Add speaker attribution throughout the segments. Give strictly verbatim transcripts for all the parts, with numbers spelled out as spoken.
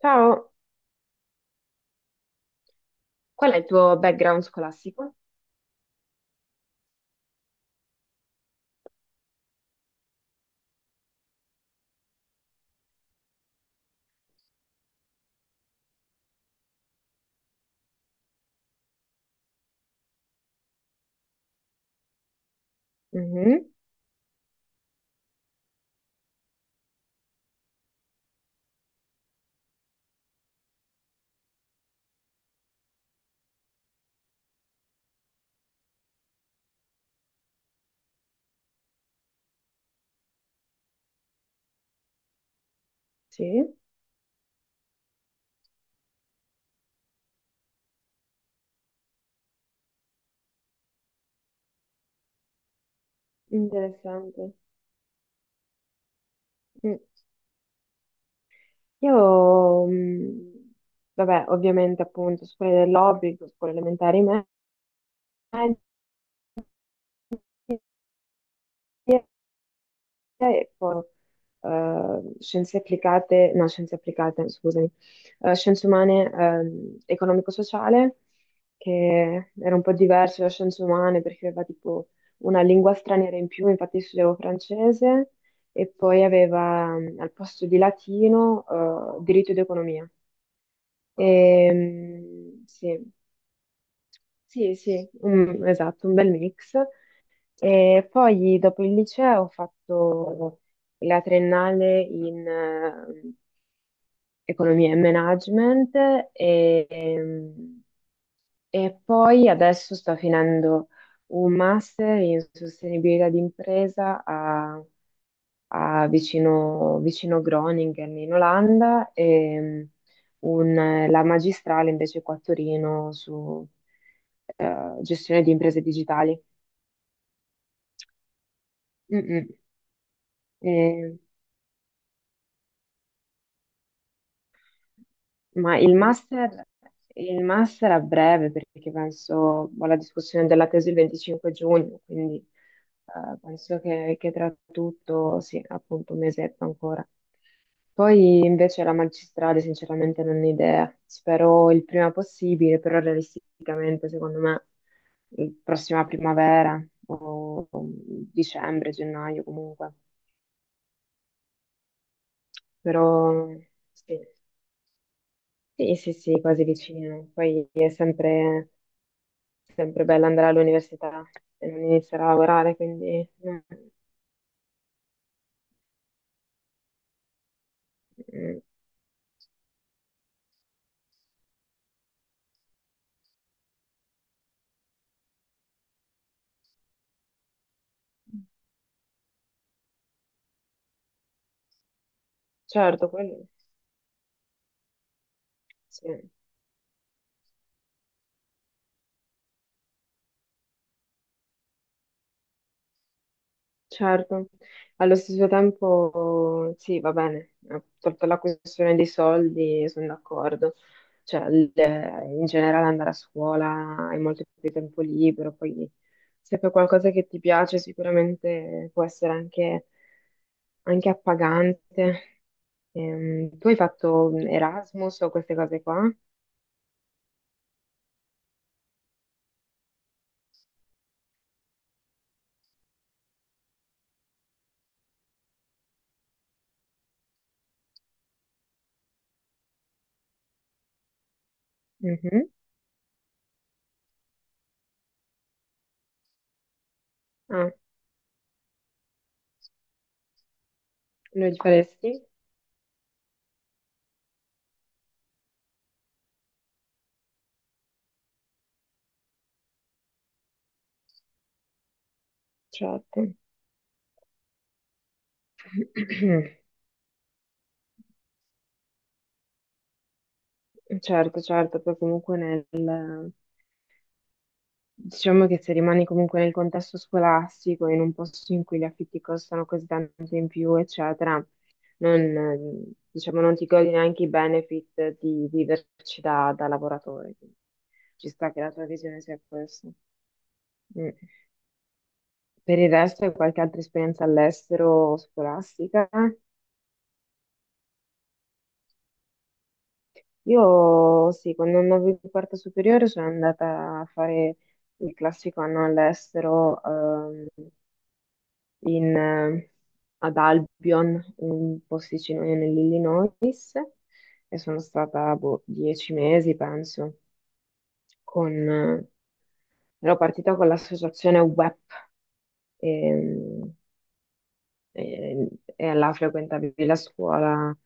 Speaker 1: Ciao. Qual è il tuo background scolastico? Mhm. Sì, interessante. Mm. Io, mm, vabbè, ovviamente appunto scuole dell'obbligo, scuole elementari medie, ecco, eh, scienze applicate, no, scienze applicate, scusami, eh, scienze umane, ehm, economico-sociale, che era un po' diverso da scienze umane perché aveva tipo una lingua straniera in più, infatti studiavo francese, e poi aveva mm, al posto di latino, eh, diritto ed economia. E, mm, sì, sì, sì, un- esatto, un bel mix. E poi dopo il liceo ho fatto la triennale in eh, economia e management e, ehm, e poi adesso sto finendo un master in sostenibilità d'impresa a, a vicino, vicino Groningen in Olanda e un- la magistrale invece qua a Torino su eh, gestione di imprese digitali. Mm, mm. E- Ma il master, il master a breve, perché penso ho la discussione della tesi il venticinque giugno, quindi eh, penso che, che tra tutto, sì, appunto un mesetto ancora. Poi invece la magistrale, sinceramente, non ho idea. Spero il prima possibile, però realisticamente, secondo me, il- prossima primavera o o dicembre, gennaio comunque. Però sì, sì, sì, sì, quasi vicino. Poi è sempre sempre bello andare all'università e non iniziare a lavorare, quindi eh, mm, certo, quello sì, certo. Allo stesso tempo sì, va bene, eh, tolta la questione dei soldi, sono d'accordo. Cioè, il- in generale andare a scuola hai molto più tempo libero, poi se fai qualcosa che ti piace sicuramente può essere anche, anche appagante. Ehm, tu hai fatto Erasmus o queste cose qua? Mhm. Ah, lo faresti? Certo. Certo, certo, poi comunque nel, diciamo che se rimani comunque nel contesto scolastico, in un posto in cui gli affitti costano così tanto in più, eccetera, non, eh, diciamo, non ti godi neanche i benefit di viverci da, da lavoratore. Quindi ci sta che la tua visione sia questa. Mm. Per il resto, hai qualche altra esperienza all'estero scolastica? Io sì, quando andavo in quarta superiore sono andata a fare il classico anno all'estero ehm, in, eh, ad Albion, un posticino nell'Illinois, e sono stata boh, dieci mesi, penso, con... eh, ero partita con l'associazione WEP, ehm, e, e là frequentavi la scuola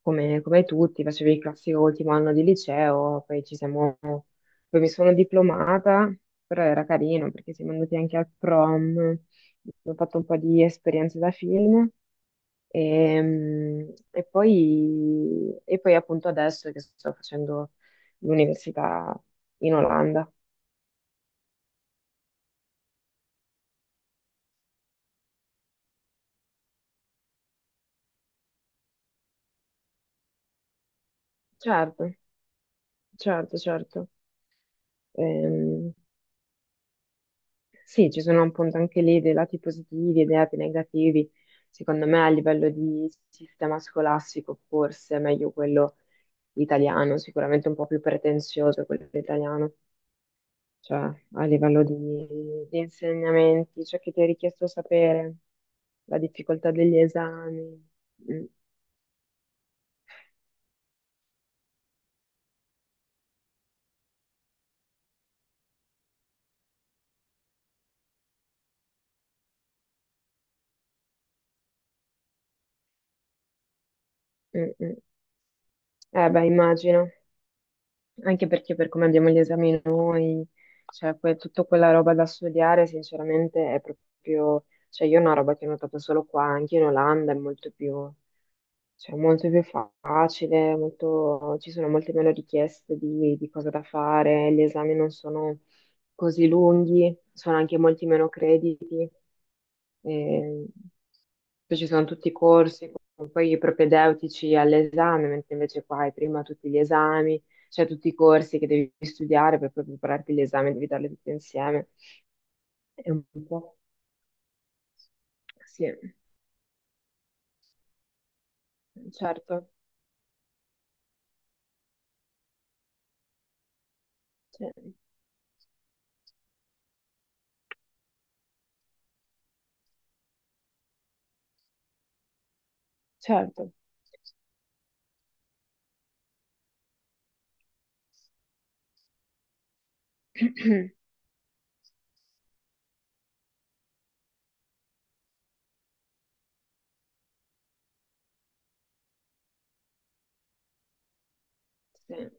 Speaker 1: come, come tutti, facevi il classico ultimo anno di liceo, poi ci siamo, poi mi sono diplomata, però era carino perché siamo andati anche al prom, ho fatto un po' di esperienze da film. E, mm, e poi, e poi appunto adesso che sto facendo l'università in Olanda. Certo, certo, certo. Ehm, Sì, ci sono appunto anche lì dei lati positivi e dei lati negativi. Secondo me a livello di sistema scolastico forse è meglio quello italiano, sicuramente un po' più pretenzioso quello italiano, cioè a livello di, di insegnamenti, ciò che ti è richiesto sapere, la difficoltà degli esami. Mm, mm, mm. Eh beh, immagino. Anche perché per come abbiamo gli esami noi, cioè que- tutta quella roba da studiare, sinceramente, è proprio, cioè io è una roba che ho notato solo qua, anche in Olanda è molto più, cioè, molto più facile, molto- ci sono molte meno richieste di, di cosa da fare, gli esami non sono così lunghi, sono anche molti meno crediti, e poi ci sono tutti i corsi, con poi i propedeutici all'esame, mentre invece qua hai prima tutti gli esami, cioè tutti i corsi che devi studiare per poi prepararti l'esame, devi darli tutti insieme. È un po', sì, certo, sì, certo. Sì.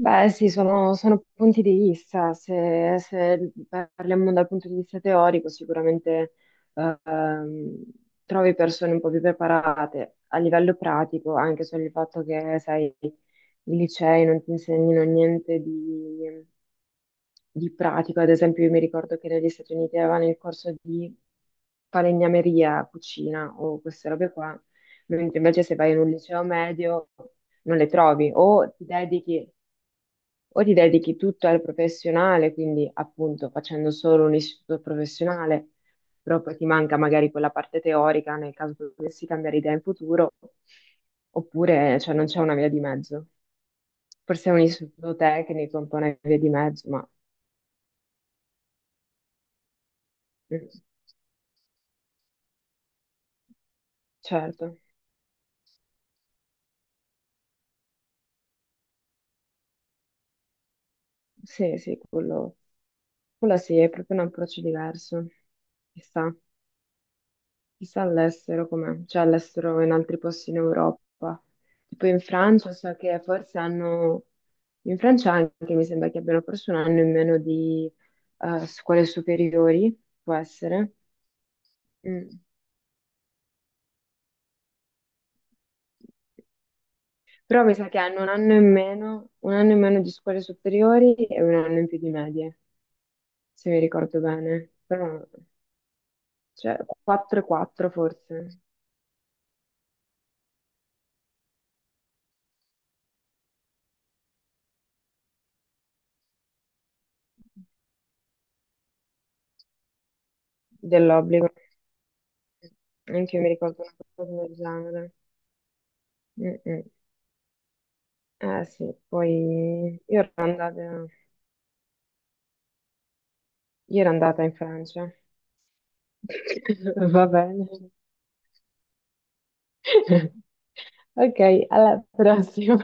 Speaker 1: Beh, sì, sono, sono punti di vista. Se, se parliamo dal punto di vista teorico, sicuramente ehm, trovi persone un po' più preparate. A livello pratico, anche solo il fatto che, sai, i licei non ti insegnino niente di, di pratico. Ad esempio, io mi ricordo che negli Stati Uniti avevano il corso di falegnameria, cucina o queste robe qua, mentre invece se vai in un liceo medio non le trovi, o ti dedichi, o ti dedichi tutto al professionale, quindi appunto facendo solo un istituto professionale, però poi ti manca magari quella parte teorica nel caso tu dovessi cambiare idea in futuro, oppure cioè, non c'è una via di mezzo. Forse è un istituto tecnico, un po' una via di mezzo, ma mm, certo, sì, sì, quello, quello sì, è proprio un approccio diverso, chissà. Chissà all'estero com'è, cioè all'estero in altri posti in Europa. Tipo in Francia so che forse hanno, in Francia anche mi sembra che abbiano forse un anno in meno di eh, scuole superiori, può essere. Mm. Però mi sa che hanno un anno in meno, un anno in meno di scuole superiori e un anno in più di medie, se mi ricordo bene. Però, cioè, quattro e quattro forse, dell'obbligo. Anche io mi ricordo una cosa del genere. Mm, mm. Eh sì, poi io ero andata, io ero andata in Francia. Va bene. Ok, alla prossima.